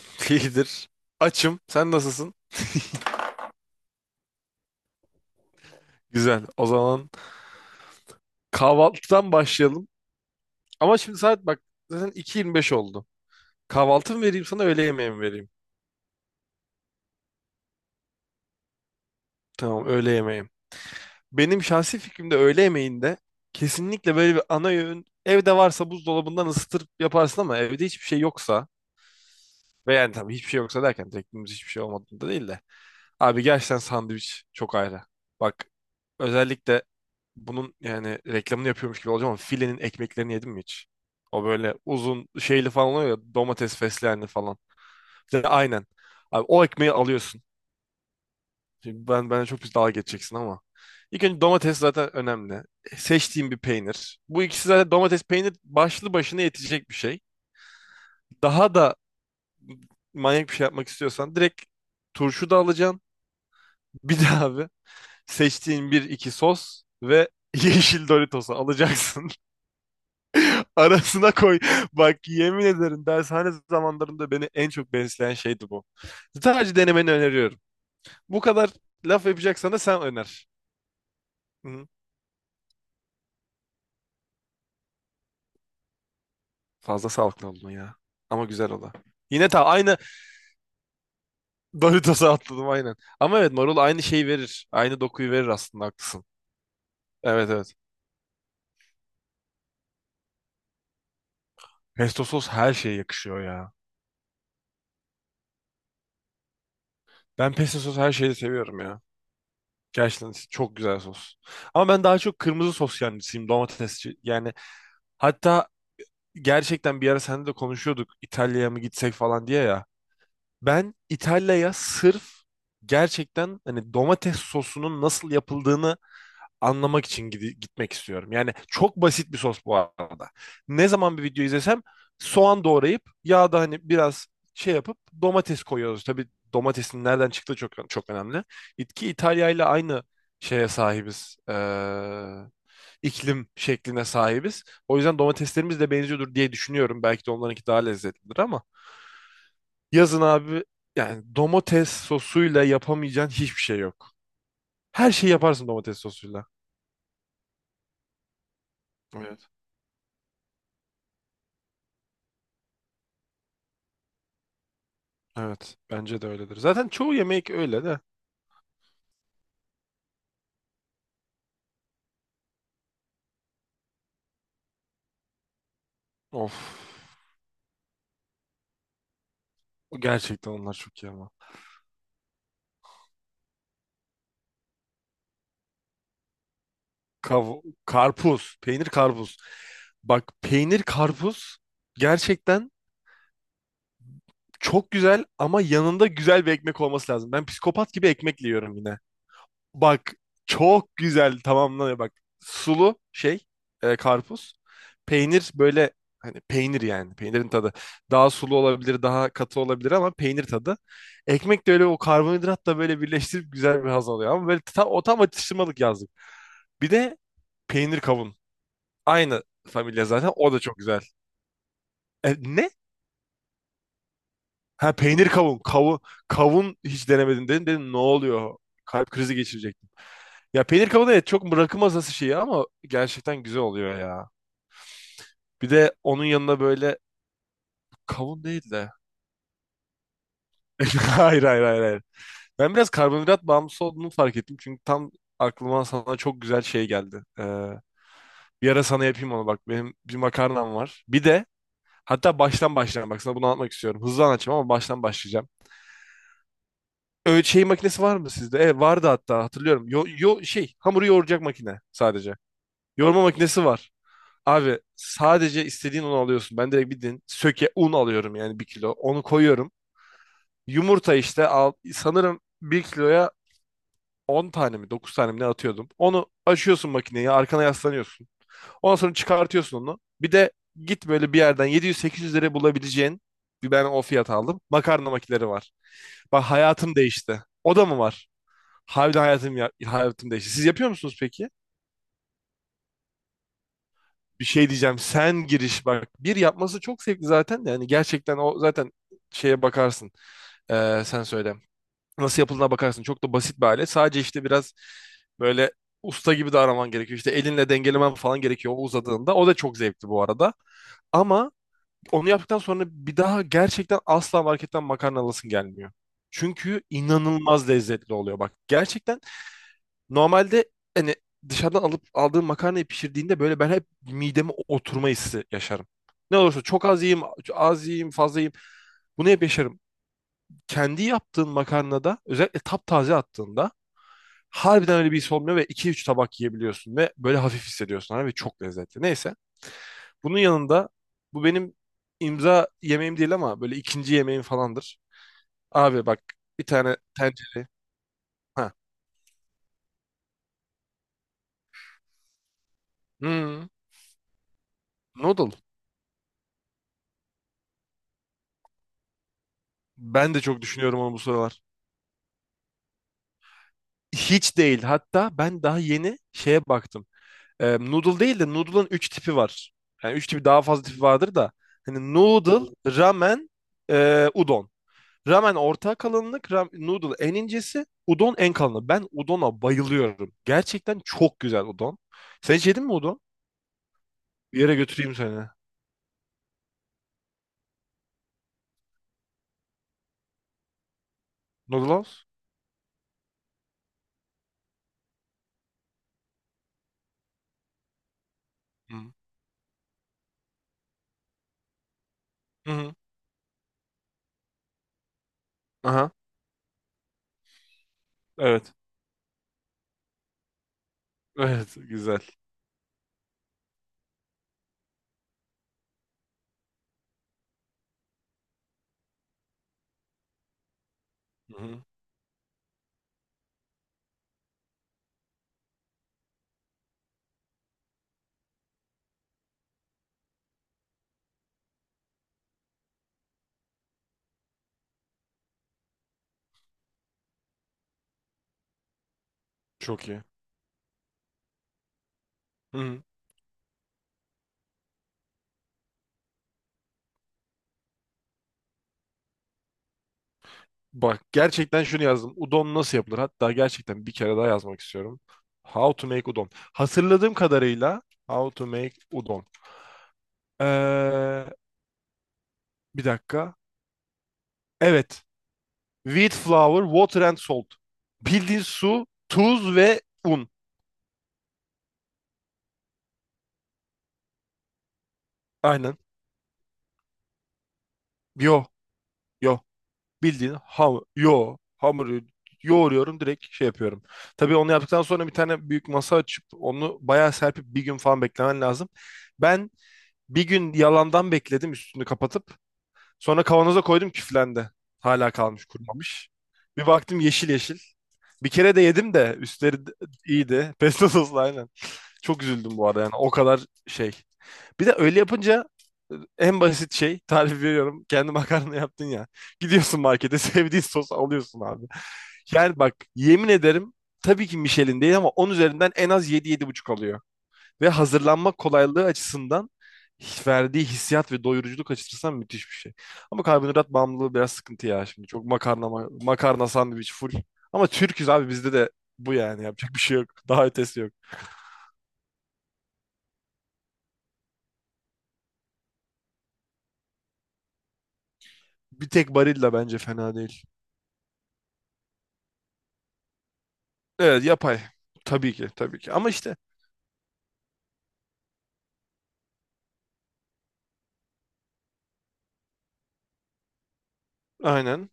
İyidir. Açım. Sen nasılsın? Güzel. O zaman kahvaltıdan başlayalım. Ama şimdi saat bak zaten 2:25 oldu. Kahvaltı mı vereyim sana öğle yemeği mi vereyim? Tamam, öğle yemeğim. Benim şahsi fikrimde öğle yemeğinde kesinlikle böyle bir ana öğün evde varsa buzdolabından ısıtır yaparsın, ama evde hiçbir şey yoksa. Ve yani tabii hiçbir şey yoksa derken teknemiz hiçbir şey olmadığında değil de. Abi gerçekten sandviç çok ayrı. Bak, özellikle bunun yani reklamını yapıyormuş gibi olacağım ama filenin ekmeklerini yedim mi hiç? O böyle uzun şeyli falan oluyor ya, domates fesleğenli falan. Bir de aynen. Abi, o ekmeği alıyorsun. Şimdi ben, bana çok bir dalga geçeceksin ama. İlk önce domates zaten önemli. Seçtiğim bir peynir. Bu ikisi zaten, domates peynir, başlı başına yetecek bir şey. Daha da manyak bir şey yapmak istiyorsan direkt turşu da alacaksın. Bir de abi, seçtiğin bir iki sos ve yeşil Doritos'u alacaksın. Arasına koy. Bak, yemin ederim dershane zamanlarında beni en çok besleyen şeydi bu. Sadece denemeni öneriyorum. Bu kadar laf yapacaksan da sen öner. Hı. Fazla sağlıklı oldun ya. Ama güzel ola. Yine ta aynı Doritos'a atladım aynen. Ama evet, marul aynı şeyi verir. Aynı dokuyu verir, aslında haklısın. Evet, evet. Pesto sos her şeye yakışıyor ya. Ben pesto sos her şeyi seviyorum ya. Gerçekten çok güzel sos. Ama ben daha çok kırmızı sos yancısıyım, domatesçi. Yani hatta, gerçekten bir ara seninle de konuşuyorduk İtalya'ya mı gitsek falan diye ya. Ben İtalya'ya sırf gerçekten hani domates sosunun nasıl yapıldığını anlamak için gitmek istiyorum. Yani çok basit bir sos bu arada. Ne zaman bir video izlesem soğan doğrayıp yağda hani biraz şey yapıp domates koyuyoruz. Tabii domatesin nereden çıktığı çok çok önemli. İtalya ile aynı şeye sahibiz. İklim şekline sahibiz. O yüzden domateslerimiz de benziyordur diye düşünüyorum. Belki de onlarınki daha lezzetlidir ama yazın abi, yani domates sosuyla yapamayacağın hiçbir şey yok. Her şeyi yaparsın domates sosuyla. Evet. Evet, bence de öyledir. Zaten çoğu yemek öyle de. Of, gerçekten onlar çok iyi ama. Kav Karpuz, peynir karpuz. Bak, peynir karpuz gerçekten çok güzel ama yanında güzel bir ekmek olması lazım. Ben psikopat gibi ekmekle yiyorum yine. Bak, çok güzel tamamlanıyor bak. Sulu şey, karpuz. Peynir böyle hani peynir, yani peynirin tadı. Daha sulu olabilir daha katı olabilir, ama peynir tadı. Ekmek de öyle, o karbonhidratla böyle birleştirip güzel bir haz alıyor. Ama böyle tam, o tam atıştırmalık yazdık. Bir de peynir kavun. Aynı familya zaten, o da çok güzel. E, ne? Ha, peynir kavun. Kavun, kavun hiç denemedin dedim. Dedim ne oluyor? Kalp krizi geçirecektim. Ya peynir kavun evet çok bırakılmaz nasıl şeyi ama gerçekten güzel oluyor ya. Bir de onun yanına böyle kavun değil de. Hayır, hayır, hayır, hayır. Ben biraz karbonhidrat bağımlısı olduğumu fark ettim. Çünkü tam aklıma sana çok güzel şey geldi. Bir ara sana yapayım onu bak. Benim bir makarnam var. Bir de hatta baştan başlayalım. Bak sana bunu anlatmak istiyorum. Hızlı anlatacağım ama baştan başlayacağım. Öyle şey makinesi var mı sizde? Evet, vardı hatta hatırlıyorum. Yo, yo, şey hamuru yoğuracak makine sadece. Yoğurma makinesi var. Abi sadece istediğin unu alıyorsun. Ben direkt bildiğin söke un alıyorum, yani bir kilo. Onu koyuyorum. Yumurta işte al, sanırım bir kiloya 10 tane mi 9 tane mi ne atıyordum. Onu açıyorsun, makineyi arkana yaslanıyorsun. Ondan sonra çıkartıyorsun onu. Bir de git böyle bir yerden 700-800 liraya bulabileceğin bir, ben o fiyat aldım. Makarna makineleri var. Bak, hayatım değişti. O da mı var? Harbiden hayatım ya, hayatım değişti. Siz yapıyor musunuz peki? Bir şey diyeceğim. Sen giriş bak. Bir yapması çok zevkli zaten de. Yani gerçekten o zaten şeye bakarsın. Sen söyle. Nasıl yapıldığına bakarsın. Çok da basit bir alet. Sadece işte biraz böyle usta gibi davranman gerekiyor. İşte elinle dengelemen falan gerekiyor o uzadığında. O da çok zevkli bu arada. Ama onu yaptıktan sonra bir daha gerçekten asla marketten makarna alasın gelmiyor. Çünkü inanılmaz lezzetli oluyor. Bak gerçekten. Normalde hani dışarıdan alıp aldığım makarnayı pişirdiğinde böyle ben hep mideme oturma hissi yaşarım. Ne olursa çok az yiyeyim, az yiyeyim, fazla yiyeyim. Bunu hep yaşarım. Kendi yaptığın makarnada özellikle taptaze attığında harbiden öyle bir his olmuyor ve iki üç tabak yiyebiliyorsun ve böyle hafif hissediyorsun abi ve çok lezzetli. Neyse. Bunun yanında bu benim imza yemeğim değil ama böyle ikinci yemeğim falandır. Abi bak, bir tane tencere. Ha. Hmm, noodle. Ben de çok düşünüyorum onu bu sıralar. Hiç değil. Hatta ben daha yeni şeye baktım. Noodle değil de noodle'ın 3 tipi var. Yani 3 tipi, daha fazla tipi vardır da. Hani noodle, ramen, udon. Ramen orta kalınlık, noodle en incesi, udon en kalını. Ben udona bayılıyorum. Gerçekten çok güzel udon. Sen hiç yedin mi udon? Bir yere götüreyim seni. Noodle House? Hı. Hı hı. Aha. Evet. Evet. Güzel. Hı hı. Çok iyi. Hı hı. Bak gerçekten şunu yazdım. Udon nasıl yapılır? Hatta gerçekten bir kere daha yazmak istiyorum. How to make udon. Hatırladığım kadarıyla how to make udon. Ee, Bir dakika. Evet. Wheat flour, water and salt. Bildiğin su, tuz ve un. Aynen. Yo, yo. Bildiğin yo. Hamuru yoğuruyorum direkt şey yapıyorum. Tabii onu yaptıktan sonra bir tane büyük masa açıp onu bayağı serpip bir gün falan beklemen lazım. Ben bir gün yalandan bekledim üstünü kapatıp. Sonra kavanoza koydum küflendi. Hala kalmış kurumamış. Bir baktım yeşil yeşil. Bir kere de yedim de üstleri iyiydi. Pesto soslu aynen. Çok üzüldüm bu arada yani o kadar şey. Bir de öyle yapınca, en basit şey tarif veriyorum. Kendi makarna yaptın ya. Gidiyorsun markete sevdiğin sos alıyorsun abi. Yani bak yemin ederim, tabii ki Michelin değil ama 10 üzerinden en az yedi 7,5 alıyor. Ve hazırlanma kolaylığı açısından verdiği hissiyat ve doyuruculuk açısından müthiş bir şey. Ama karbonhidrat bağımlılığı biraz sıkıntı ya şimdi. Çok makarna, makarna sandviç full. Ama Türk'üz abi, bizde de bu yani yapacak bir şey yok. Daha ötesi yok. Bir tek Barilla bence fena değil. Evet, yapay. Tabii ki, tabii ki. Ama işte aynen.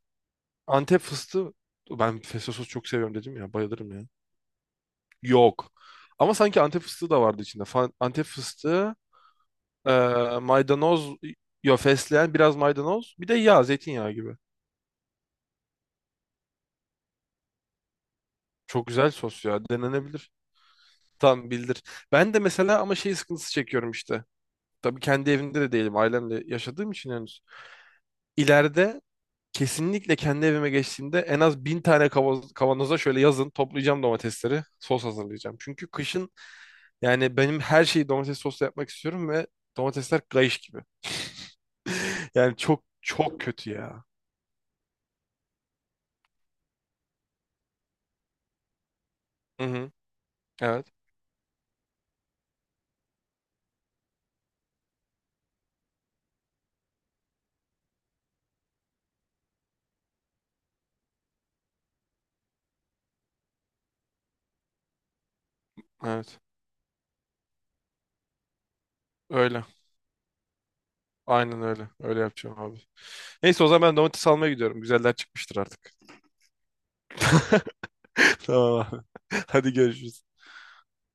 Antep fıstığı, ben pesto sos çok seviyorum dedim ya, bayılırım ya. Yok. Ama sanki Antep fıstığı da vardı içinde. Antep fıstığı. Ee, Maydanoz yo fesleğen biraz maydanoz bir de yağ zeytinyağı gibi. Çok güzel sos ya, denenebilir. Tam bildir. Ben de mesela ama şey sıkıntısı çekiyorum işte. Tabii kendi evimde de değilim, ailemle yaşadığım için henüz. İleride kesinlikle kendi evime geçtiğimde en az 1.000 tane kavanoza şöyle yazın toplayacağım domatesleri sos hazırlayacağım. Çünkü kışın yani benim her şeyi domates sosla yapmak istiyorum ve domatesler kayış gibi. Yani çok çok kötü ya. Hı hı. Evet, evet, öyle. Aynen öyle. Öyle yapacağım abi. Neyse o zaman ben domates almaya gidiyorum. Güzeller çıkmıştır artık. Tamam abi. Hadi görüşürüz.